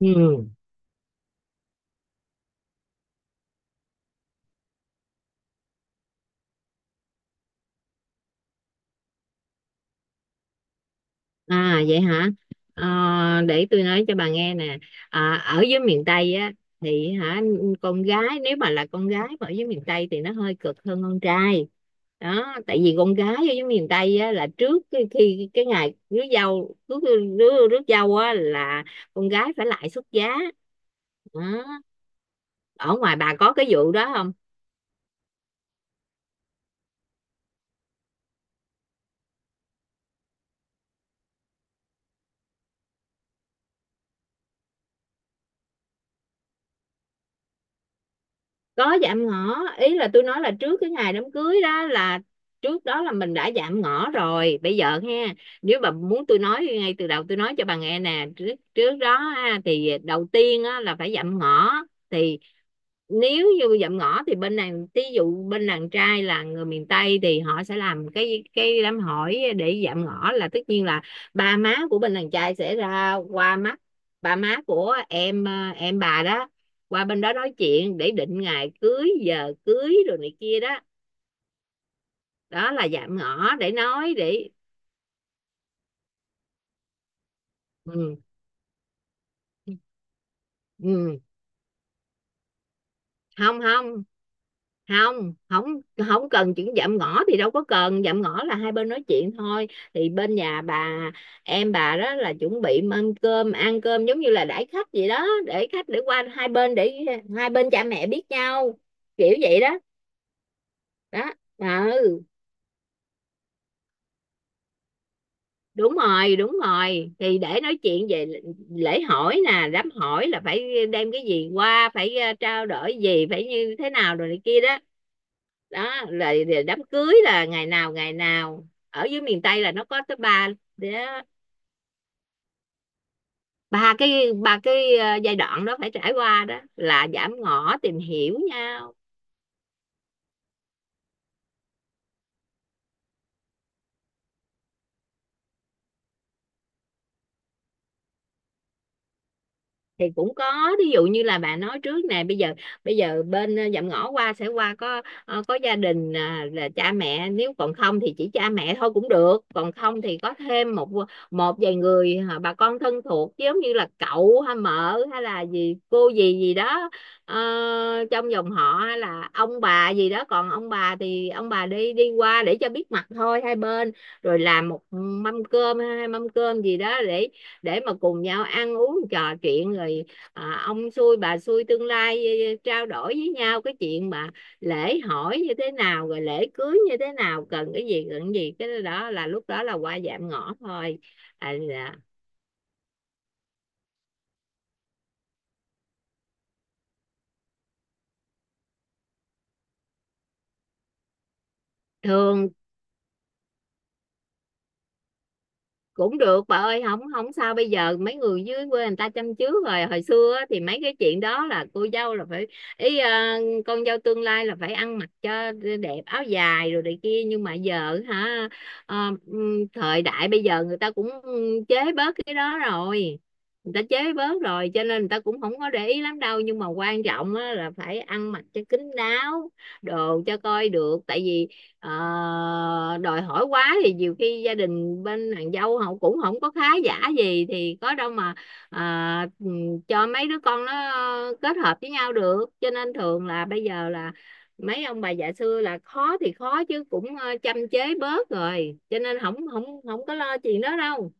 Ừ. À vậy hả? Ờ, để tôi nói cho bà nghe nè. À, ở dưới miền Tây á thì hả, con gái nếu mà là con gái mà ở dưới miền Tây thì nó hơi cực hơn con trai. Đó, tại vì con gái ở dưới miền Tây á là trước khi, khi cái ngày rước dâu, rước rước rước dâu á là con gái phải lại xuất giá. Đó. Ở ngoài bà có cái vụ đó không? Có dạm ngõ ý là tôi nói là trước cái ngày đám cưới đó là trước đó là mình đã dạm ngõ rồi. Bây giờ ha, nếu bà muốn tôi nói ngay từ đầu, tôi nói cho bà nghe nè, trước trước đó ha, thì đầu tiên á, là phải dạm ngõ. Thì nếu như dạm ngõ thì bên đàn ví dụ bên đàn trai là người miền Tây thì họ sẽ làm cái đám hỏi để dạm ngõ, là tất nhiên là ba má của bên đàn trai sẽ ra qua mắt ba má của em bà đó, qua bên đó nói chuyện để định ngày cưới giờ cưới rồi này kia đó. Đó là dạm ngõ, để nói để ừ. Ừ. Không không, không không, không cần. Chuyện dạm ngõ thì đâu có cần. Dạm ngõ là hai bên nói chuyện thôi, thì bên nhà bà, em bà đó là chuẩn bị mâm cơm ăn cơm giống như là đãi khách vậy đó, để khách để qua hai bên để hai bên cha mẹ biết nhau, kiểu vậy đó. Đó. Ờ, đúng rồi, đúng rồi, thì để nói chuyện về lễ hỏi nè. Đám hỏi là phải đem cái gì qua, phải trao đổi gì, phải như thế nào rồi này kia đó. Đó rồi, rồi đám cưới là ngày nào, ngày nào. Ở dưới miền Tây là nó có tới ba. Đó, ba cái, ba cái giai đoạn đó phải trải qua, đó là giảm ngõ tìm hiểu nhau. Thì cũng có, ví dụ như là bạn nói trước nè, bây giờ bên dạm ngõ qua sẽ qua có có gia đình à, là cha mẹ, nếu còn không thì chỉ cha mẹ thôi cũng được, còn không thì có thêm một một vài người bà con thân thuộc, giống như là cậu hay mợ hay là gì, cô gì gì đó ờ, trong dòng họ hay là ông bà gì đó. Còn ông bà thì ông bà đi đi qua để cho biết mặt thôi hai bên, rồi làm một mâm cơm hay hai mâm cơm gì đó để mà cùng nhau ăn uống trò chuyện. Rồi à, ông xui bà xui tương lai trao đổi với nhau cái chuyện mà lễ hỏi như thế nào, rồi lễ cưới như thế nào, cần cái gì, cần cái gì. Cái đó là lúc đó là qua giảm ngõ thôi. À, dạ. Thường cũng được bà ơi, không không sao. Bây giờ mấy người dưới quê người ta chăm trước rồi. Hồi xưa á, thì mấy cái chuyện đó là cô dâu là phải ý ờ, con dâu tương lai là phải ăn mặc cho đẹp, áo dài rồi này kia, nhưng mà giờ hả ờ, thời đại bây giờ người ta cũng chế bớt cái đó rồi, người ta chế bớt rồi, cho nên người ta cũng không có để ý lắm đâu. Nhưng mà quan trọng á, là phải ăn mặc cho kín đáo, đồ cho coi được, tại vì Ờ, đòi hỏi quá thì nhiều khi gia đình bên nàng dâu họ cũng không có khá giả gì thì có đâu mà à, ừ, cho mấy đứa con nó kết hợp với nhau được. Cho nên thường là bây giờ là mấy ông bà già xưa là khó thì khó chứ cũng châm chế bớt rồi, cho nên không không, không có lo chuyện đó đâu.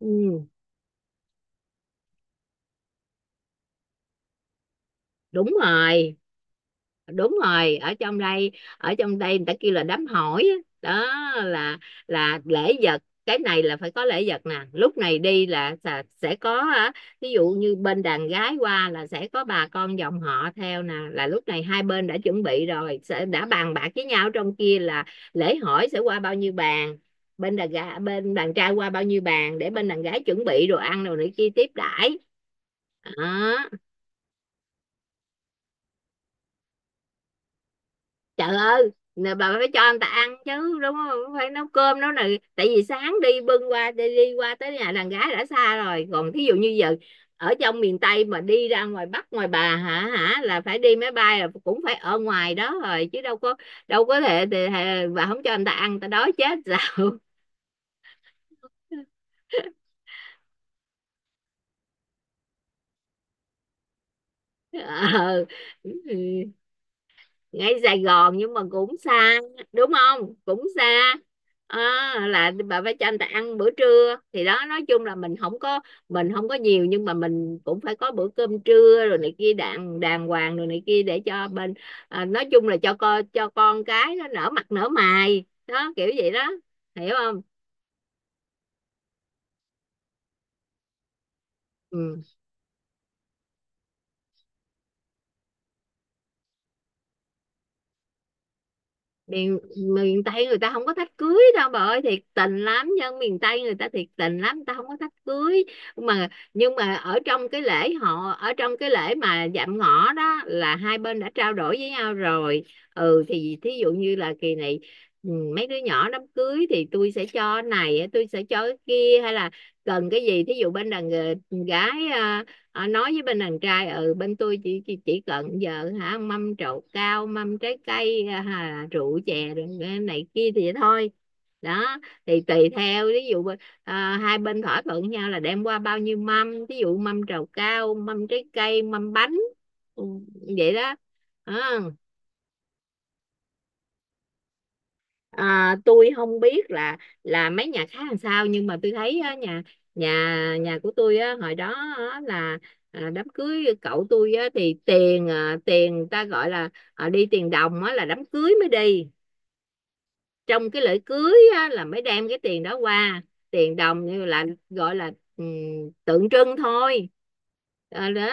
Ừ, đúng rồi, đúng rồi. Ở trong đây người ta kêu là đám hỏi á. Đó, là là lễ vật. Cái này là phải có lễ vật nè. Lúc này đi là sẽ có á, ví dụ như bên đàn gái qua là sẽ có bà con dòng họ theo nè, là lúc này hai bên đã chuẩn bị rồi, sẽ đã bàn bạc với nhau trong kia là lễ hỏi sẽ qua bao nhiêu bàn, bên đàn gái bên đàn trai qua bao nhiêu bàn, để bên đàn gái chuẩn bị đồ ăn rồi này kia tiếp đãi. Đó. Trời ơi, nè bà phải cho anh ta ăn chứ, đúng không? Phải nấu cơm nấu này, tại vì sáng đi bưng qua đi, đi qua tới nhà đàn gái đã xa rồi. Còn thí dụ như giờ ở trong miền Tây mà đi ra ngoài Bắc ngoài bà hả, hả, là phải đi máy bay, là cũng phải ở ngoài đó rồi chứ đâu có, đâu có thể, thể, thể bà không cho anh ta ăn ta đói chết sao? Ờ. Ừ, ừ. Ngay Sài Gòn nhưng mà cũng xa, đúng không, cũng xa. Ờ, là bà phải cho anh ta ăn bữa trưa, thì đó. Nói chung là mình không có, nhiều nhưng mà mình cũng phải có bữa cơm trưa rồi này kia đàng, đàng hoàng rồi này kia, để cho bên à, nói chung là cho con cái nó nở mặt nở mày đó, kiểu vậy đó. Hiểu không. Ừ. Miền, miền Tây người ta không có thách cưới đâu bà ơi. Thiệt tình lắm, dân miền Tây người ta thiệt tình lắm, người ta không có thách cưới. Mà nhưng mà ở trong cái lễ họ, ở trong cái lễ mà dạm ngõ đó, là hai bên đã trao đổi với nhau rồi. Ừ thì thí dụ như là kỳ này ừ, mấy đứa nhỏ đám cưới thì tôi sẽ cho cái này, tôi sẽ cho cái kia, hay là cần cái gì. Thí dụ bên đàn gái à, Ờ, nói với bên đàn trai, ừ bên tôi chỉ chỉ cần giờ hả mâm trầu cao, mâm trái cây à, rượu chè rồi này kia thì thôi. Đó, thì tùy theo, ví dụ à, hai bên thỏa thuận nhau là đem qua bao nhiêu mâm, ví dụ mâm trầu cao, mâm trái cây, mâm bánh. Ừ, vậy đó. Ờ. À, tôi không biết là mấy nhà khác làm sao, nhưng mà tôi thấy á, nhà nhà nhà của tôi á, hồi đó á, là à, đám cưới cậu tôi á, thì tiền à, tiền ta gọi là à, đi tiền đồng á, là đám cưới mới đi. Trong cái lễ cưới á, là mới đem cái tiền đó qua. Tiền đồng như là gọi là ừ, tượng trưng thôi. Ờ, đó,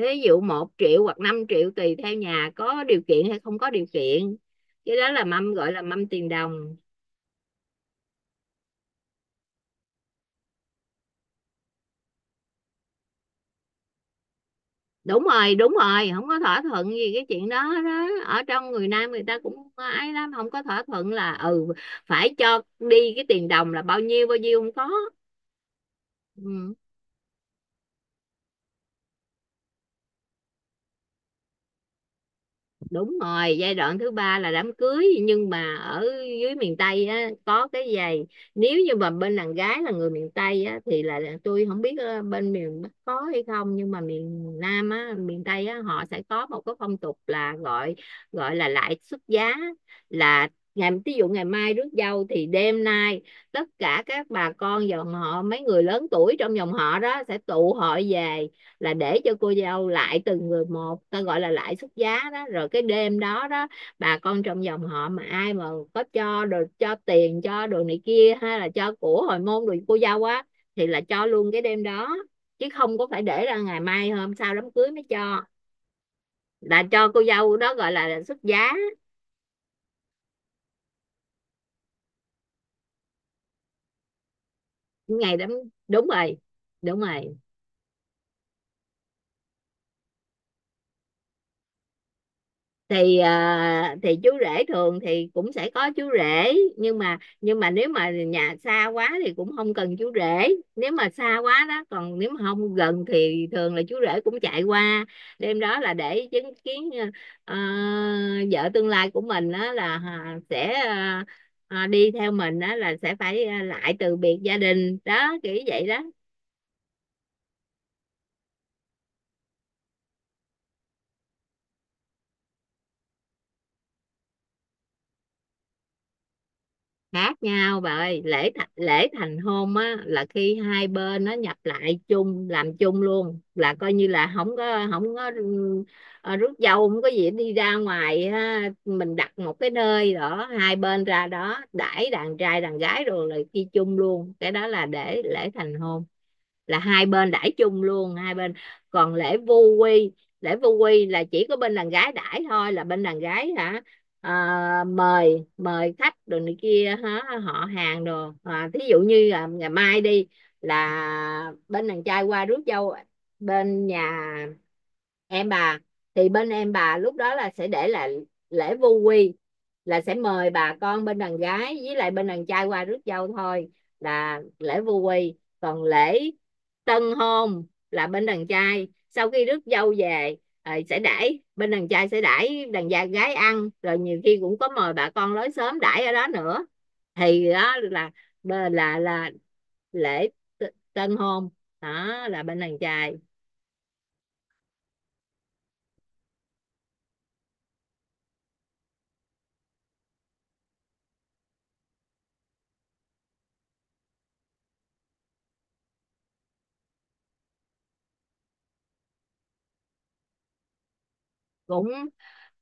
ví dụ một triệu hoặc 5 triệu, tùy theo nhà có điều kiện hay không có điều kiện. Cái đó là mâm gọi là mâm tiền đồng. Đúng rồi, đúng rồi, không có thỏa thuận gì cái chuyện đó đó. Ở trong người Nam người ta cũng ấy lắm, không có thỏa thuận là ừ phải cho đi cái tiền đồng là bao nhiêu bao nhiêu, không có. Ừ. Đúng rồi, giai đoạn thứ ba là đám cưới. Nhưng mà ở dưới miền Tây á có cái giày. Nếu như mà bên đàn gái là người miền Tây á thì là tôi không biết ờ, bên miền Bắc có hay không, nhưng mà miền Nam á, miền Tây á, họ sẽ có một cái phong tục là gọi, gọi là lại xuất giá. Là ngày, ví dụ ngày mai rước dâu thì đêm nay tất cả các bà con dòng họ, mấy người lớn tuổi trong dòng họ đó sẽ tụ hội về, là để cho cô dâu lại từng người một, ta gọi là lại xuất giá đó. Rồi cái đêm đó đó, bà con trong dòng họ mà ai mà có cho đồ, cho tiền, cho đồ này kia, hay là cho của hồi môn đồ cô dâu á, thì là cho luôn cái đêm đó, chứ không có phải để ra ngày mai hôm sau đám cưới mới cho, là cho cô dâu đó, gọi là xuất giá. Ngày đám, đúng rồi, đúng rồi. Thì à, thì chú rể thường thì cũng sẽ có chú rể, nhưng mà nếu mà nhà xa quá thì cũng không cần chú rể. Nếu mà xa quá đó, còn nếu mà không gần thì thường là chú rể cũng chạy qua đêm đó, là để chứng kiến ờ, vợ tương lai của mình đó là à, sẽ à, à, đi theo mình đó, là sẽ phải à, lại từ biệt gia đình đó, kiểu vậy đó. Khác nhau bà ơi. Lễ thành hôn á là khi hai bên nó nhập lại chung, làm chung luôn, là coi như là không có, không có ừ, ờ, rước dâu, không có gì đi ra ngoài ha. Mình đặt một cái nơi đó, hai bên ra đó đãi đàn trai đàn gái rồi là đi chung luôn, cái đó là để lễ thành hôn, là hai bên đãi chung luôn hai bên. Còn lễ vu quy, lễ vu quy là chỉ có bên đàn gái đãi thôi, là bên đàn gái hả à, mời, mời khách đồ này kia hả, họ hàng đồ à, thí dụ như là ngày mai đi là bên đàn trai qua rước dâu bên nhà em bà, thì bên em bà lúc đó là sẽ để là lễ vu quy, là sẽ mời bà con bên đàn gái với lại bên đàn trai qua rước dâu thôi, là lễ vu quy. Còn lễ tân hôn là bên đàn trai sau khi rước dâu về ờ, sẽ đãi bên đàn trai sẽ đãi đàn gia gái ăn, rồi nhiều khi cũng có mời bà con lối xóm đãi ở đó nữa. Thì đó là là lễ tân hôn, đó là bên đàn trai. cũng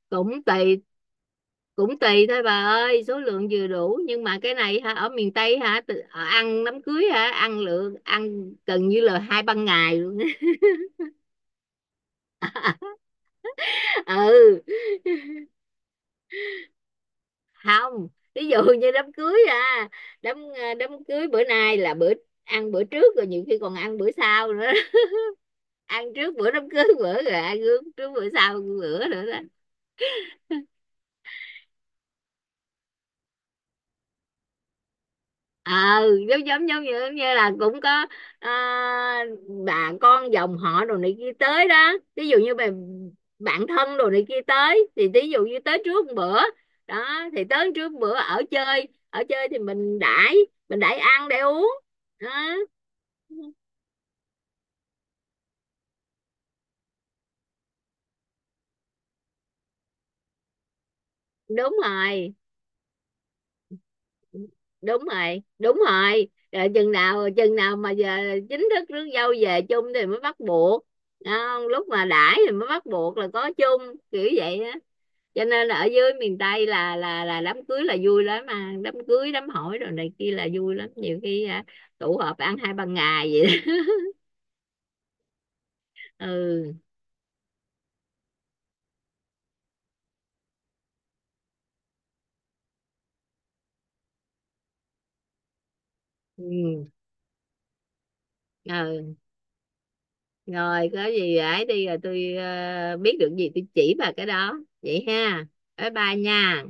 cũng tùy, cũng tùy thôi bà ơi. Số lượng vừa đủ, nhưng mà cái này hả ở miền Tây hả ờ, ăn đám cưới hả ăn lượng ăn gần như là hai ba ngày luôn. Ừ. Không, ví dụ như đám cưới à, đám ờ, đám cưới bữa nay là bữa ăn bữa trước, rồi nhiều khi còn ăn bữa sau nữa đó. Ăn trước bữa đám cưới bữa rồi ăn trước, trước bữa sau, bữa nữa đó. Ờ, giống giống giống như, như là cũng có ờ, bà con dòng họ đồ này kia tới đó, ví dụ như bà bạn thân đồ này kia tới, thì ví dụ như tới trước một bữa đó, thì tới trước một bữa ở chơi, ở chơi thì mình đãi, mình đãi ăn để uống đó. Đúng rồi, đúng rồi, đúng rồi. Rồi chừng nào mà giờ chính thức rước dâu về chung thì mới bắt buộc. Thấy không? Lúc mà đãi thì mới bắt buộc là có chung, kiểu vậy á. Cho nên là ở dưới miền Tây là là đám cưới là vui lắm, mà đám cưới đám hỏi rồi này kia là vui lắm, nhiều khi à, tụ họp ăn hai ba ngày vậy đó. Ừ, ừ. Ừ, rồi có gì ấy đi, rồi tôi ờ, biết được gì tôi chỉ bà cái đó vậy ha. Bye bye nha.